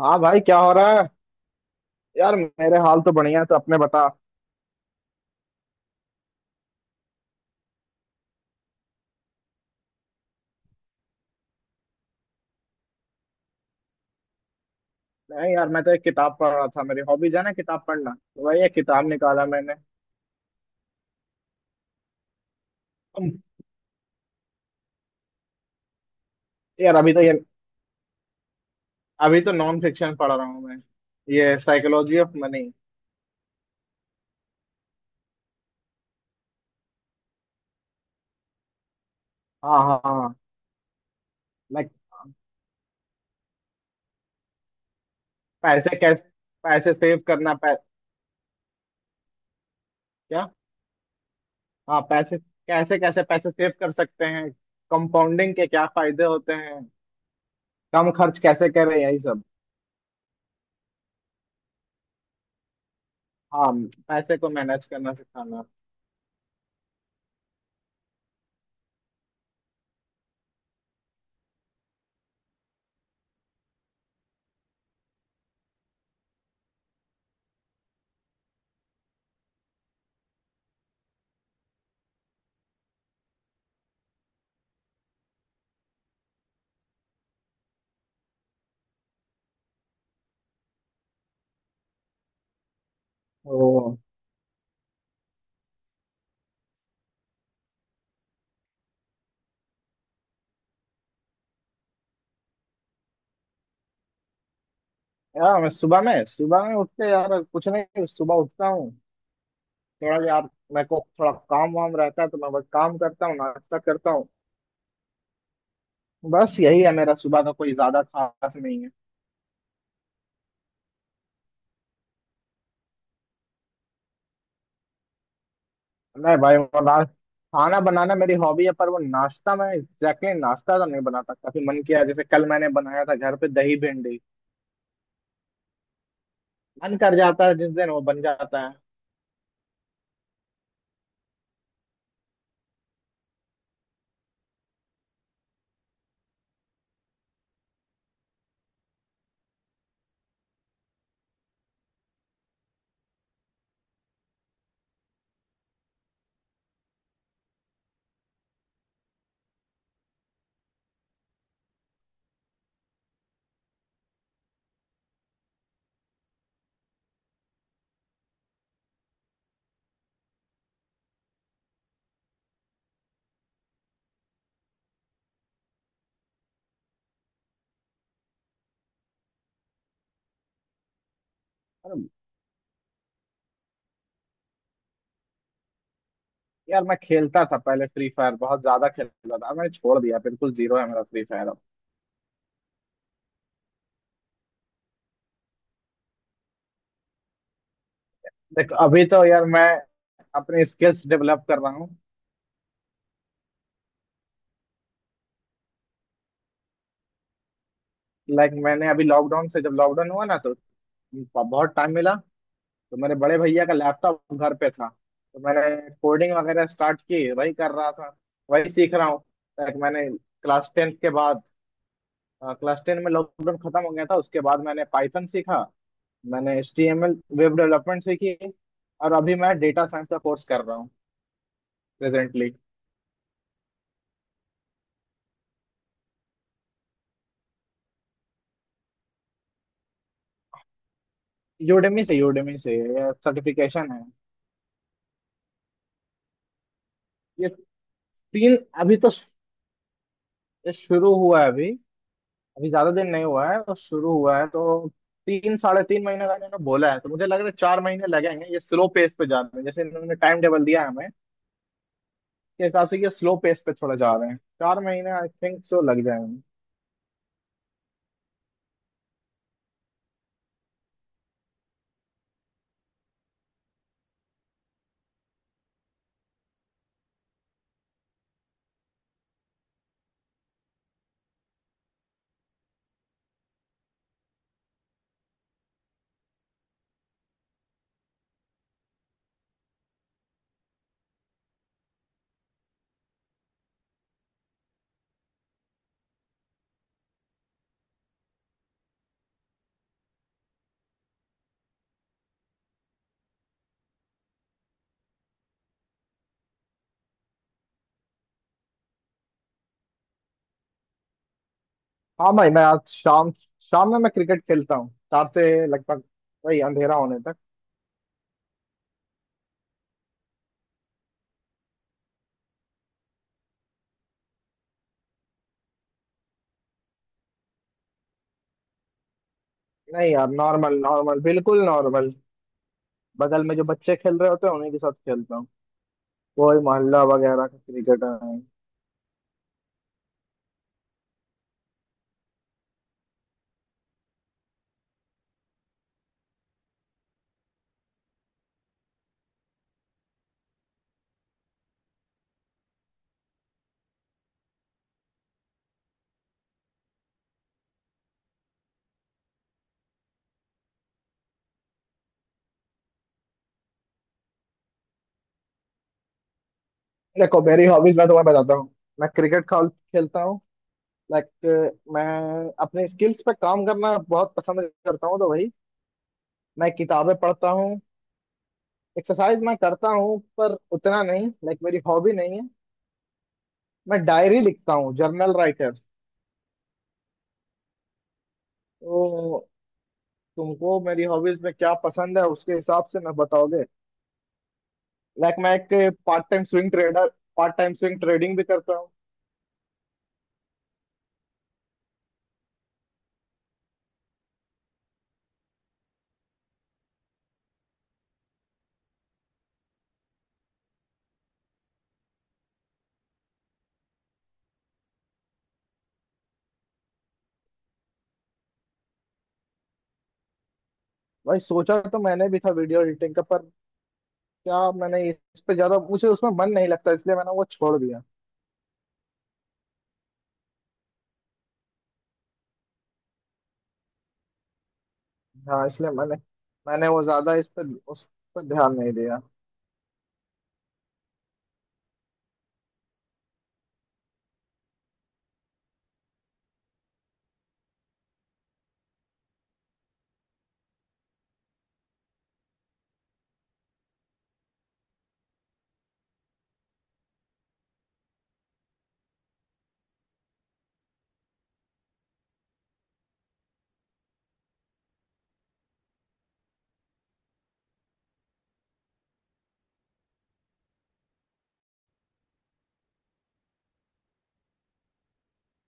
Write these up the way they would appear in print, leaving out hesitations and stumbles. हाँ भाई, क्या हो रहा है? यार, मेरे हाल तो बढ़िया है, तो अपने बता। नहीं यार, मैं तो एक किताब पढ़ रहा था। मेरी हॉबीज है ना किताब पढ़ना, तो वही एक किताब निकाला मैंने। अम, यार, अभी तो नॉन फिक्शन पढ़ रहा हूँ मैं। ये साइकोलॉजी ऑफ मनी। हाँ, हाँ, हाँ। लाइक, पैसे कैसे पैसे सेव करना पै, क्या। हाँ, पैसे कैसे कैसे पैसे सेव कर सकते हैं, कंपाउंडिंग के क्या फायदे होते हैं, कम खर्च कैसे करें, यही सब। हाँ, पैसे को मैनेज करना सिखाना। ओ। यार, मैं सुबह में उठते यार कुछ नहीं, सुबह उठता हूँ। थोड़ा यार मेरे को थोड़ा काम वाम रहता है, तो मैं बस काम करता हूँ, नाश्ता करता हूँ। बस यही है मेरा सुबह का, कोई ज्यादा खास नहीं है। नहीं भाई, वो ना, खाना बनाना मेरी हॉबी है, पर वो नाश्ता मैं एग्जैक्टली exactly नाश्ता तो नहीं बना सकता। फिर मन किया, जैसे कल मैंने बनाया था घर पे दही भिंडी। मन कर जाता है जिस दिन वो बन जाता है। और यार, मैं खेलता था पहले फ्री फायर, बहुत ज्यादा खेलता था। अब मैंने छोड़ दिया, बिल्कुल जीरो है मेरा फ्री फायर अब। देख, अभी तो यार मैं अपने स्किल्स डेवलप कर रहा हूँ। लाइक, मैंने अभी लॉकडाउन से, जब लॉकडाउन हुआ ना, तो बहुत टाइम मिला। तो मेरे बड़े भैया का लैपटॉप घर पे था, तो मैंने कोडिंग वगैरह स्टार्ट की, वही कर रहा था, वही सीख रहा हूँ। लाइक, मैंने क्लास टेंथ के बाद क्लास टेन में लॉकडाउन खत्म हो गया था। उसके बाद मैंने पाइथन सीखा। मैंने H T M L, web development सीखी। और अभी मैं डेटा साइंस का कोर्स कर रहा हूँ प्रेजेंटली। यूडेमी से ये सर्टिफिकेशन है। ये तीन शुरू हुआ है अभी, अभी ज्यादा दिन नहीं हुआ है तो, शुरू हुआ है तो। तीन, साढ़े तीन महीने का इन्होंने बोला है, तो मुझे लग रहा है चार महीने लगेंगे। ये स्लो पेस पे जा रहे हैं, जैसे इन्होंने टाइम टेबल दिया है हमें, के हिसाब से ये स्लो पेस पे थोड़ा जा रहे हैं। चार महीने आई थिंक सो लग जाएंगे। हाँ भाई, मैं आज शाम शाम में मैं क्रिकेट खेलता हूँ, चार से लगभग वही अंधेरा होने तक। नहीं यार, नॉर्मल, नॉर्मल, बिल्कुल नॉर्मल। बगल में जो बच्चे खेल रहे होते हैं, उन्हीं के साथ खेलता हूँ। वही मोहल्ला वगैरह का क्रिकेट है। देखो, मेरी हॉबीज मैं तुम्हें बताता हूँ। मैं क्रिकेट खेलता हूँ। लाइक, मैं अपने स्किल्स पे काम करना बहुत पसंद करता हूँ, तो भाई मैं किताबें पढ़ता हूँ। एक्सरसाइज मैं करता हूँ पर उतना नहीं, लाइक मेरी हॉबी नहीं है। मैं डायरी लिखता हूँ, जर्नल राइटर। तो तुमको मेरी हॉबीज में क्या पसंद है, उसके हिसाब से ना बताओगे? लाइक, मैं एक पार्ट टाइम स्विंग ट्रेडिंग भी करता हूँ। भाई, सोचा तो मैंने भी था वीडियो एडिटिंग का, पर क्या, मैंने इस पे ज्यादा, मुझे उसमें मन नहीं लगता, इसलिए मैंने वो छोड़ दिया। हाँ, इसलिए मैंने मैंने वो ज्यादा इस पर उस पर ध्यान नहीं दिया।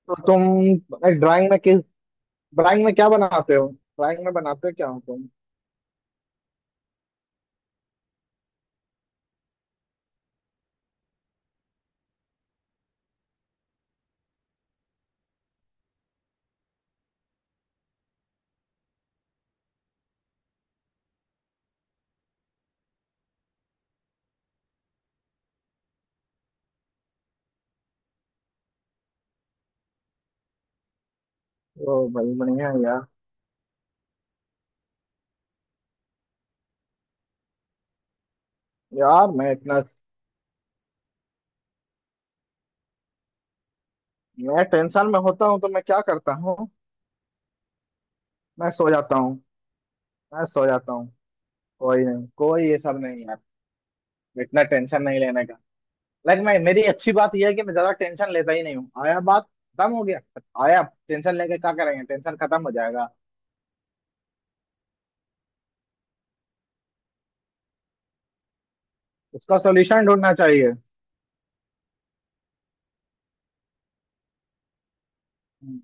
तो तुम ड्राइंग में क्या बनाते हो, ड्राइंग में बनाते क्या हो तुम? ओ भाई, बढ़िया है यार। यार मैं इतना मैं टेंशन में होता हूँ तो मैं क्या करता हूँ? मैं सो जाता हूँ, मैं सो जाता हूँ। कोई नहीं, कोई ये सब नहीं यार। इतना टेंशन नहीं लेने का। लेकिन मैं मेरी अच्छी बात यह है कि मैं ज्यादा टेंशन लेता ही नहीं हूँ, आया बात। खत्म हो गया, आया। टेंशन लेके क्या करेंगे, टेंशन खत्म हो जाएगा। उसका सोल्यूशन ढूंढना चाहिए। हम्म।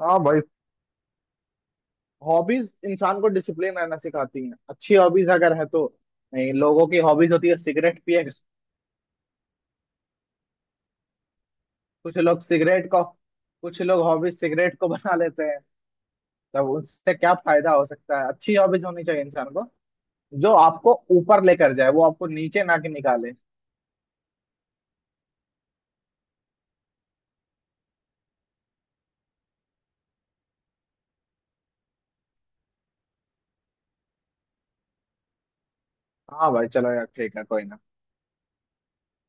हाँ भाई, हॉबीज इंसान को डिसिप्लिन रहना सिखाती हैं, अच्छी हॉबीज अगर है तो। नहीं, लोगों की हॉबीज होती है, सिगरेट पिएगा। कुछ लोग सिगरेट को कुछ लोग हॉबीज सिगरेट को बना लेते हैं। तब उससे क्या फायदा हो सकता है। अच्छी हॉबीज होनी चाहिए इंसान को, जो आपको ऊपर लेकर जाए, वो आपको नीचे ना के निकाले। हाँ भाई, चलो यार, ठीक है, कोई ना।